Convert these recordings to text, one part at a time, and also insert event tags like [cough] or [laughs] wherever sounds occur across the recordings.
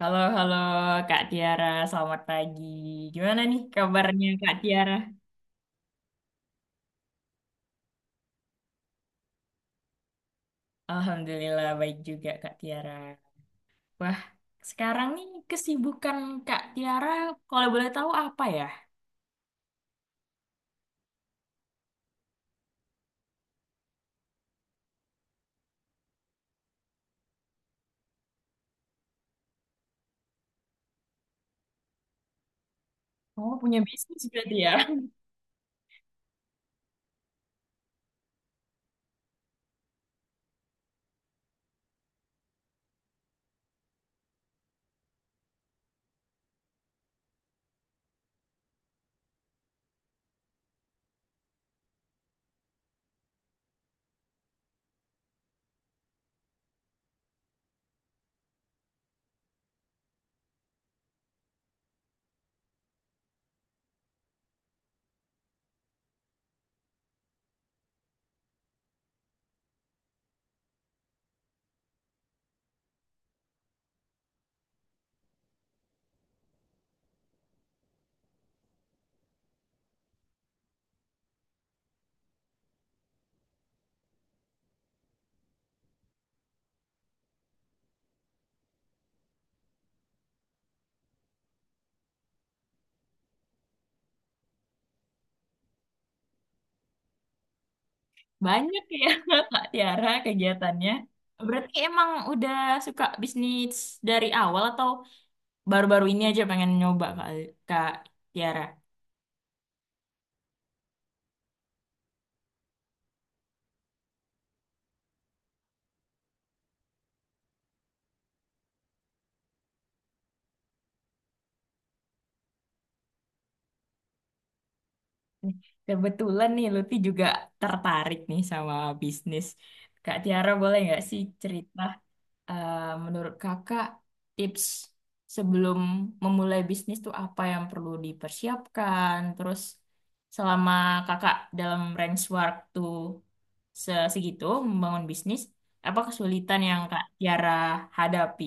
Halo, halo Kak Tiara, selamat pagi. Gimana nih kabarnya Kak Tiara? Alhamdulillah baik juga Kak Tiara. Wah, sekarang nih kesibukan Kak Tiara kalau boleh tahu apa ya? Oh, punya bisnis berarti ya? [laughs] Banyak ya [laughs] Kak Tiara kegiatannya. Berarti emang udah suka bisnis dari awal atau baru-baru ini aja pengen nyoba Kak, Kak Tiara? Nih, kebetulan nih Lutfi juga tertarik nih sama bisnis. Kak Tiara boleh nggak sih cerita eh, menurut kakak tips sebelum memulai bisnis tuh apa yang perlu dipersiapkan? Terus selama kakak dalam range waktu segitu membangun bisnis, apa kesulitan yang Kak Tiara hadapi?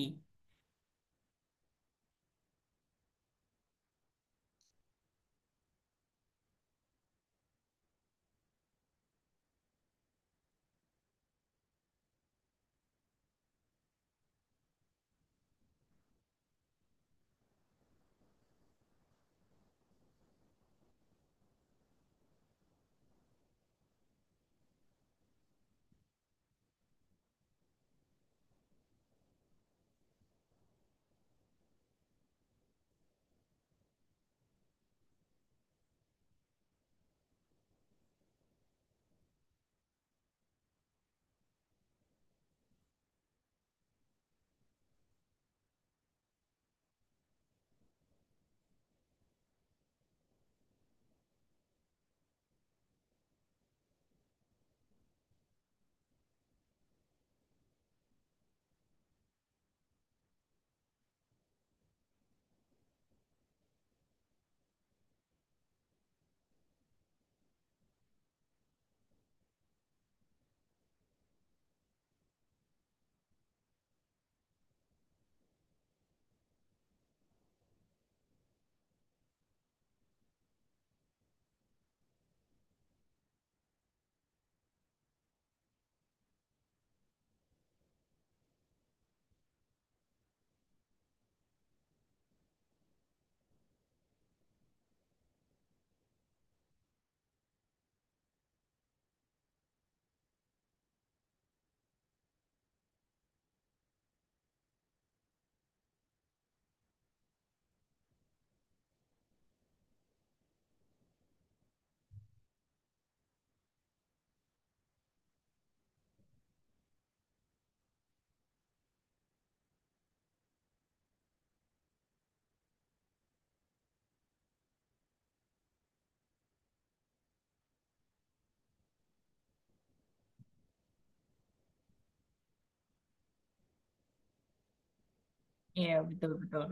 Iya, betul betul.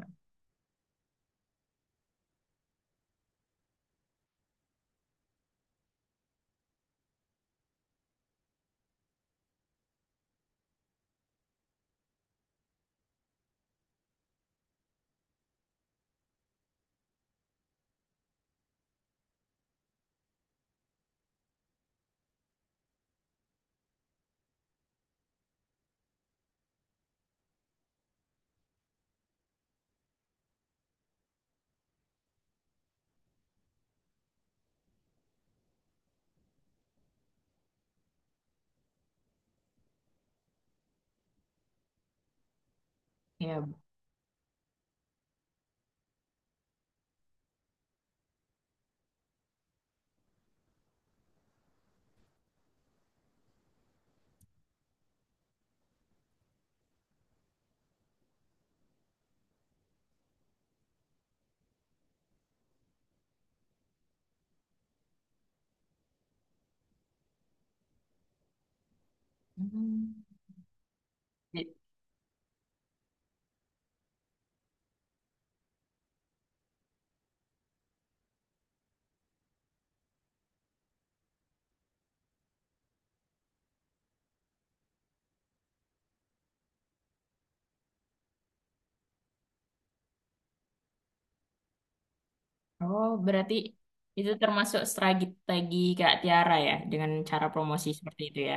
Iya. Hmm. Oh, berarti itu termasuk strategi Kak Tiara ya, dengan cara promosi seperti itu ya.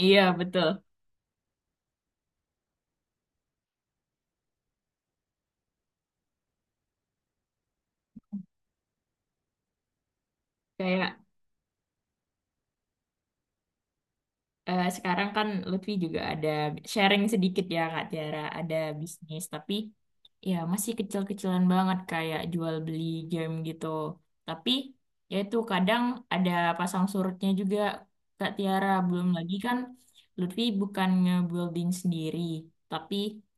Iya, betul. Kayak sekarang kan Lutfi juga ada sharing sedikit ya Kak Tiara, ada bisnis, tapi ya masih kecil-kecilan banget kayak jual beli game gitu. Tapi ya itu kadang ada pasang surutnya juga Kak Tiara, belum lagi kan Lutfi bukan nge-building sendiri, tapi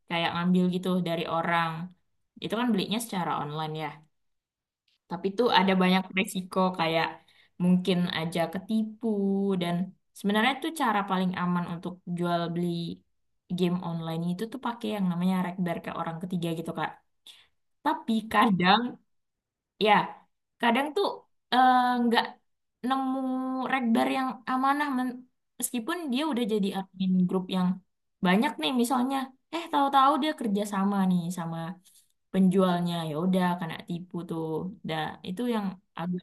kayak ngambil gitu dari orang. Itu kan belinya secara online ya. Tapi tuh ada banyak resiko kayak mungkin aja ketipu dan sebenarnya tuh cara paling aman untuk jual beli game online itu tuh pakai yang namanya rekber ke orang ketiga gitu, Kak. Tapi kadang ya, kadang tuh eh, nggak nemu regbar yang amanah meskipun dia udah jadi admin grup yang banyak nih misalnya, eh, tahu-tahu dia kerja sama nih sama penjualnya ya udah kena tipu tuh. Dah itu yang agak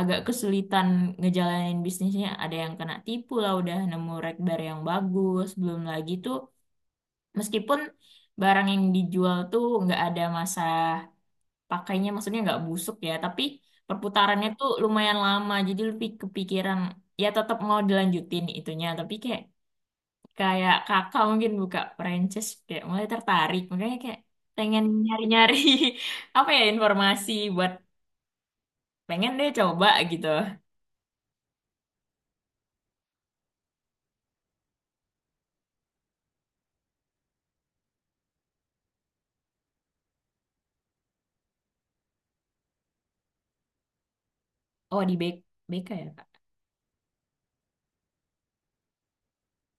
agak kesulitan ngejalanin bisnisnya. Ada yang kena tipu lah udah nemu regbar yang bagus, belum lagi tuh meskipun barang yang dijual tuh nggak ada masa pakainya, maksudnya nggak busuk ya, tapi perputarannya tuh lumayan lama jadi lebih kepikiran. Ya tetap mau dilanjutin itunya, tapi kayak kayak kakak mungkin buka franchise kayak mulai tertarik, makanya kayak pengen nyari-nyari [laughs] apa ya informasi buat pengen deh coba gitu. Oh di BK, BK ya kak?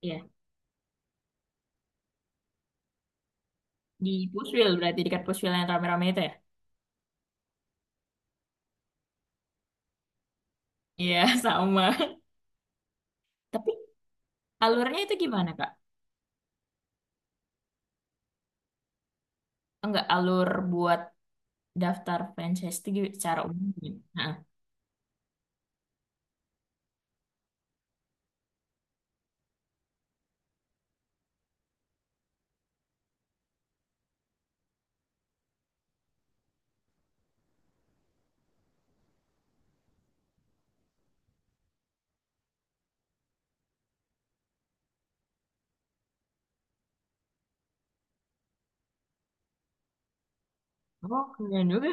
Iya di Pushwill berarti dekat Pushwill yang rame-rame itu ya. Iya [laughs] sama. Tapi alurnya itu gimana kak? Enggak, alur buat daftar franchise itu secara umum gimana? Oh, keren juga.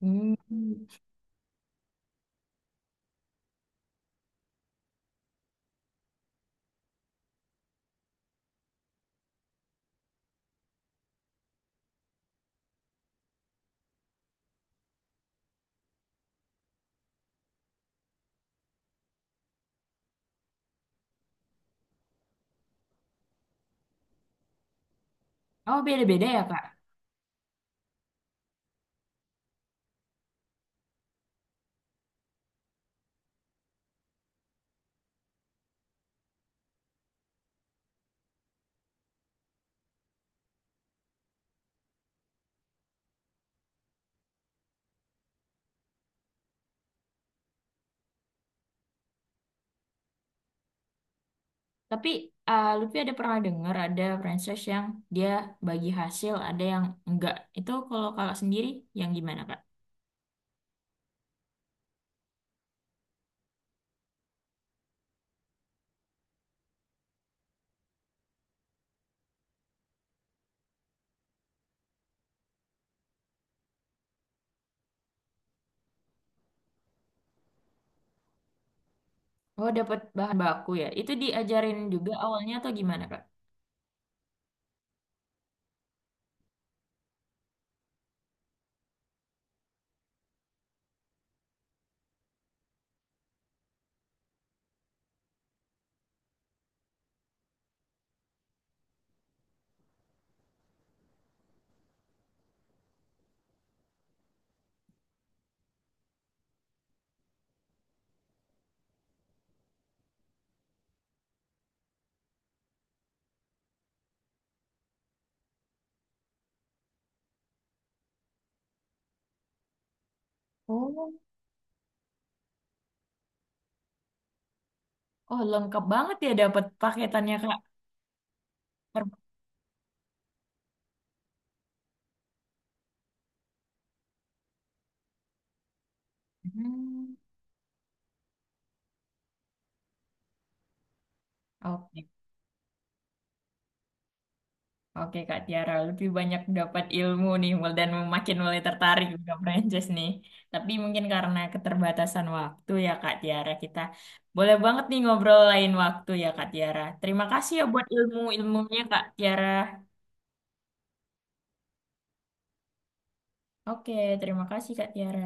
Hmm. Oh, beda-beda ya, Kak. Tapi eh, Lutfi ada pernah dengar ada franchise yang dia bagi hasil, ada yang enggak. Itu kalau Kakak sendiri yang gimana, Kak? Oh, dapat bahan baku ya. Itu diajarin juga awalnya atau gimana, Kak? Oh, oh lengkap banget ya dapat paketannya, Kak. Per- Hmm. Oke. Oke Kak Tiara, lebih banyak dapat ilmu nih dan makin mulai tertarik juga Prancis nih. Tapi mungkin karena keterbatasan waktu ya Kak Tiara, kita boleh banget nih ngobrol lain waktu ya Kak Tiara. Terima kasih ya buat ilmu-ilmunya Kak Tiara. Oke, terima kasih Kak Tiara.